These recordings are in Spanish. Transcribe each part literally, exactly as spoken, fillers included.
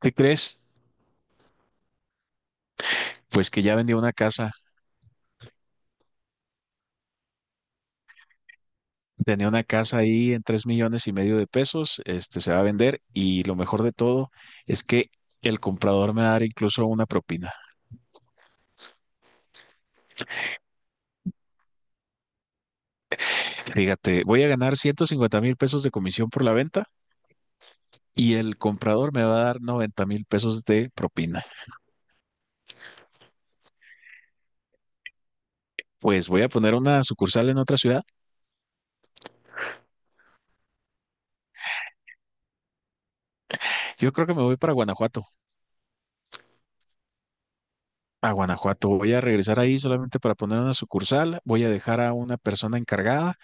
¿Qué crees? Pues que ya vendió una casa. Tenía una casa ahí en tres millones y medio de pesos. Este se va a vender y lo mejor de todo es que el comprador me va a dar incluso una propina. Fíjate, voy a ganar ciento cincuenta mil pesos de comisión por la venta y el comprador me va a dar noventa mil pesos de propina. Pues voy a poner una sucursal en otra ciudad. Yo creo que me voy para Guanajuato. A Guanajuato voy a regresar ahí solamente para poner una sucursal, voy a dejar a una persona encargada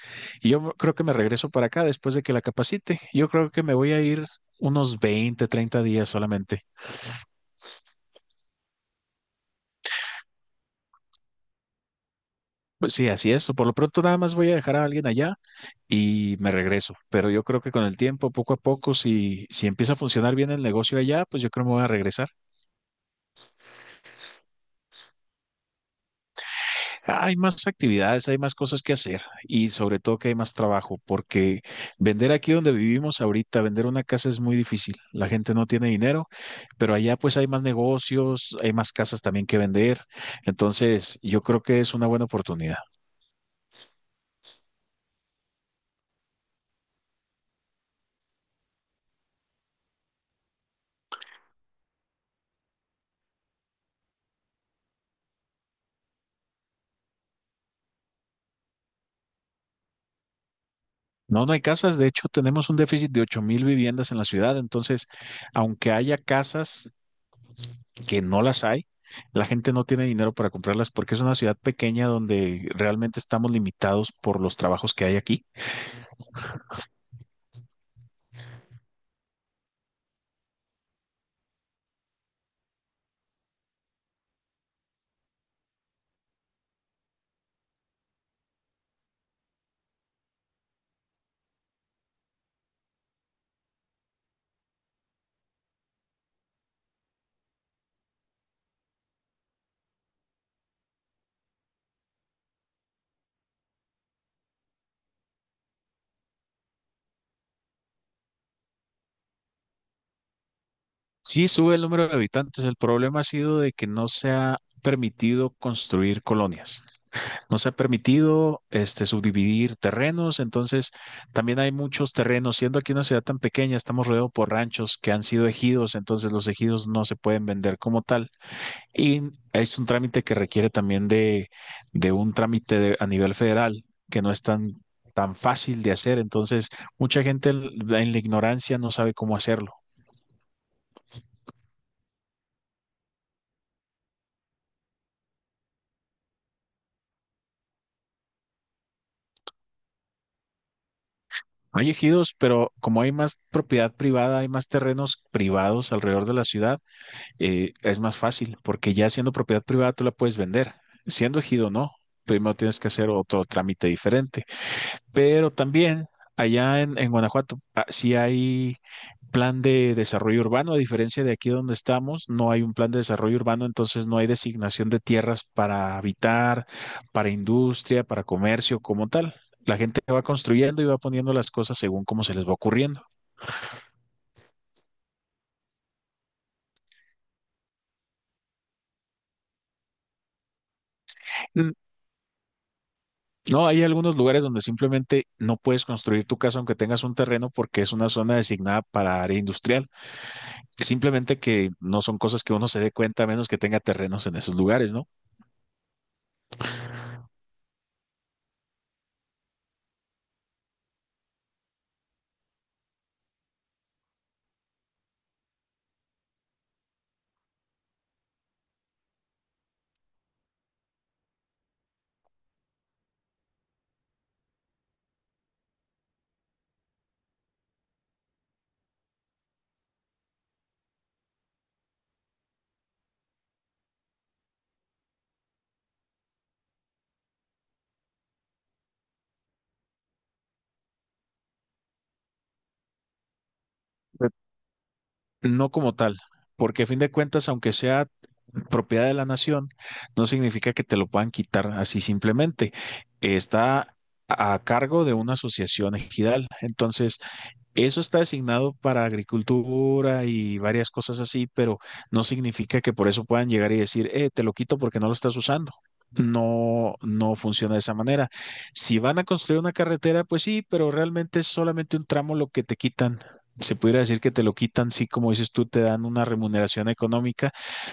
y yo creo que me regreso para acá después de que la capacite. Yo creo que me voy a ir unos veinte treinta días solamente. Pues sí, así es. Por lo pronto nada más voy a dejar a alguien allá y me regreso. Pero yo creo que con el tiempo, poco a poco, si, si empieza a funcionar bien el negocio allá, pues yo creo que me voy a regresar. Hay más actividades, hay más cosas que hacer y sobre todo que hay más trabajo, porque vender aquí donde vivimos ahorita, vender una casa es muy difícil. La gente no tiene dinero, pero allá pues hay más negocios, hay más casas también que vender. Entonces, yo creo que es una buena oportunidad. No, no hay casas. De hecho, tenemos un déficit de ocho mil viviendas en la ciudad. Entonces, aunque haya casas que no las hay, la gente no tiene dinero para comprarlas porque es una ciudad pequeña donde realmente estamos limitados por los trabajos que hay aquí. Sí, sube el número de habitantes. El problema ha sido de que no se ha permitido construir colonias. No se ha permitido este, subdividir terrenos. Entonces, también hay muchos terrenos. Siendo aquí una ciudad tan pequeña, estamos rodeados por ranchos que han sido ejidos. Entonces, los ejidos no se pueden vender como tal. Y es un trámite que requiere también de, de un trámite de- a nivel federal que no es tan, tan fácil de hacer. Entonces, mucha gente en la en la ignorancia no sabe cómo hacerlo. Hay ejidos, pero como hay más propiedad privada, hay más terrenos privados alrededor de la ciudad, eh, es más fácil, porque ya siendo propiedad privada tú la puedes vender. Siendo ejido, no. Primero tienes que hacer otro trámite diferente. Pero también allá en, en Guanajuato, ah, sí hay plan de desarrollo urbano, a diferencia de aquí donde estamos, no hay un plan de desarrollo urbano, entonces no hay designación de tierras para habitar, para industria, para comercio como tal. La gente va construyendo y va poniendo las cosas según cómo se les va ocurriendo. Mm. No, hay algunos lugares donde simplemente no puedes construir tu casa aunque tengas un terreno porque es una zona designada para área industrial. Simplemente que no son cosas que uno se dé cuenta a menos que tenga terrenos en esos lugares, ¿no? Re- No como tal, porque a fin de cuentas, aunque sea propiedad de la nación, no significa que te lo puedan quitar así simplemente. Está a cargo de una asociación ejidal. Entonces, eso está designado para agricultura y varias cosas así, pero no significa que por eso puedan llegar y decir, eh, te lo quito porque no lo estás usando. No, no funciona de esa manera. Si van a construir una carretera, pues sí, pero realmente es solamente un tramo lo que te quitan. Se pudiera decir que te lo quitan, sí, como dices tú, te dan una remuneración económica,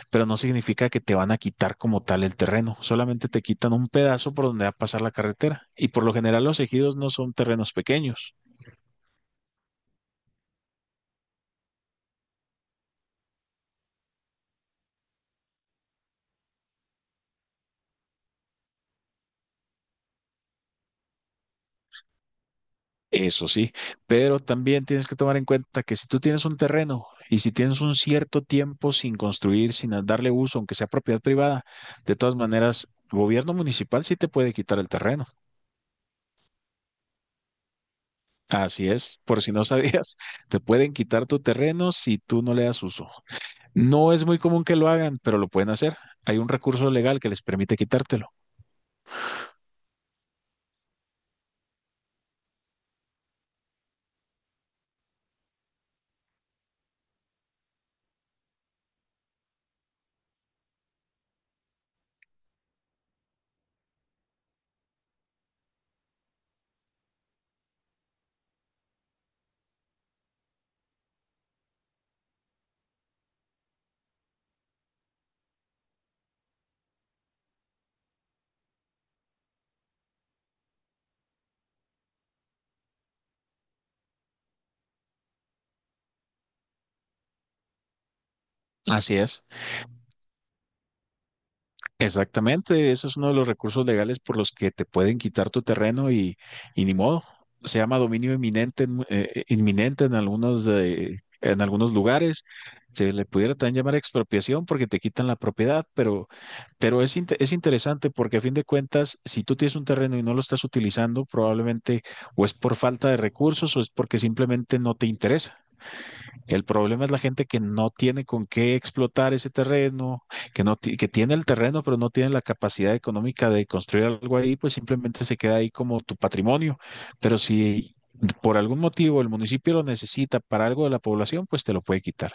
pero no significa que te van a quitar como tal el terreno. Solamente te quitan un pedazo por donde va a pasar la carretera. Y por lo general los ejidos no son terrenos pequeños. Eso sí, pero también tienes que tomar en cuenta que si tú tienes un terreno y si tienes un cierto tiempo sin construir, sin a- darle uso, aunque sea propiedad privada, de todas maneras, gobierno municipal sí te puede quitar el terreno. Así es, por si no sabías, te pueden quitar tu terreno si tú no le das uso. No es muy común que lo hagan, pero lo pueden hacer. Hay un recurso legal que les permite quitártelo. Así es. Exactamente, eso es uno de los recursos legales por los que te pueden quitar tu terreno y, y ni modo. Se llama dominio inminente, en mu- eh, eh, inminente en algunos, eh, en algunos lugares. Se le pudiera también llamar expropiación porque te quitan la propiedad, pero, pero es, inte- es interesante porque a fin de cuentas, si tú tienes un terreno y no lo estás utilizando, probablemente o es por falta de recursos o es porque simplemente no te interesa. El problema es la gente que no tiene con qué explotar ese terreno, que no ti- que tiene el terreno, pero no tiene la capacidad económica de construir algo ahí, pues simplemente se queda ahí como tu patrimonio. Pero si por algún motivo el municipio lo necesita para algo de la población, pues te lo puede quitar.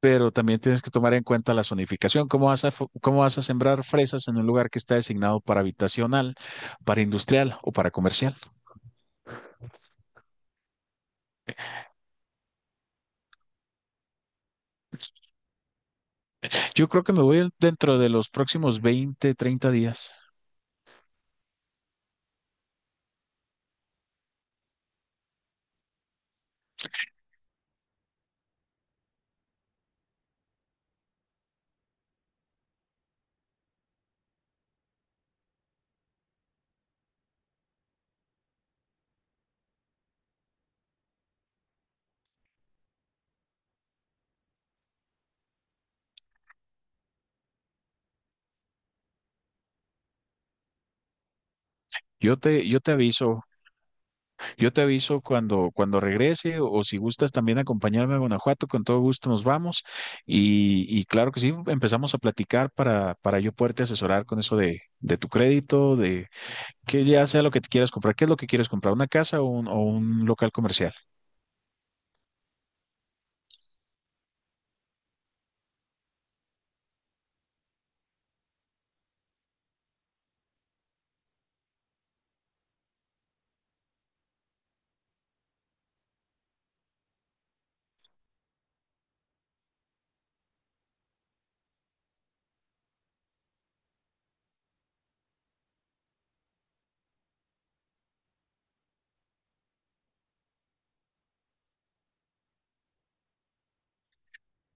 Pero también tienes que tomar en cuenta la zonificación. ¿Cómo vas a, fo- cómo vas a sembrar fresas en un lugar que está designado para habitacional, para industrial o para comercial? Yo creo que me voy el- dentro de los próximos veinte, treinta días. Yo te, yo te aviso, yo te aviso cuando, cuando regrese o, si gustas también acompañarme a Guanajuato, con todo gusto nos vamos y, y claro que sí, empezamos a platicar para, para yo poderte asesorar con eso de, de tu crédito, de que ya sea lo que te quieras comprar, qué es lo que quieres comprar, una casa o un, o un local comercial.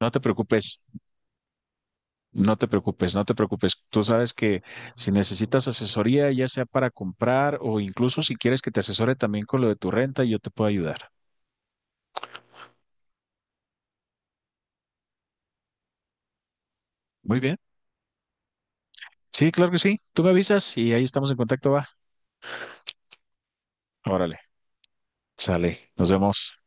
No te preocupes. No te preocupes, no te preocupes. Tú sabes que si necesitas asesoría, ya sea para comprar o incluso si quieres que te asesore también con lo de tu renta, yo te puedo ayudar. Muy bien. Sí, claro que sí. Tú me avisas y ahí estamos en contacto, va. Órale, sale. Nos vemos.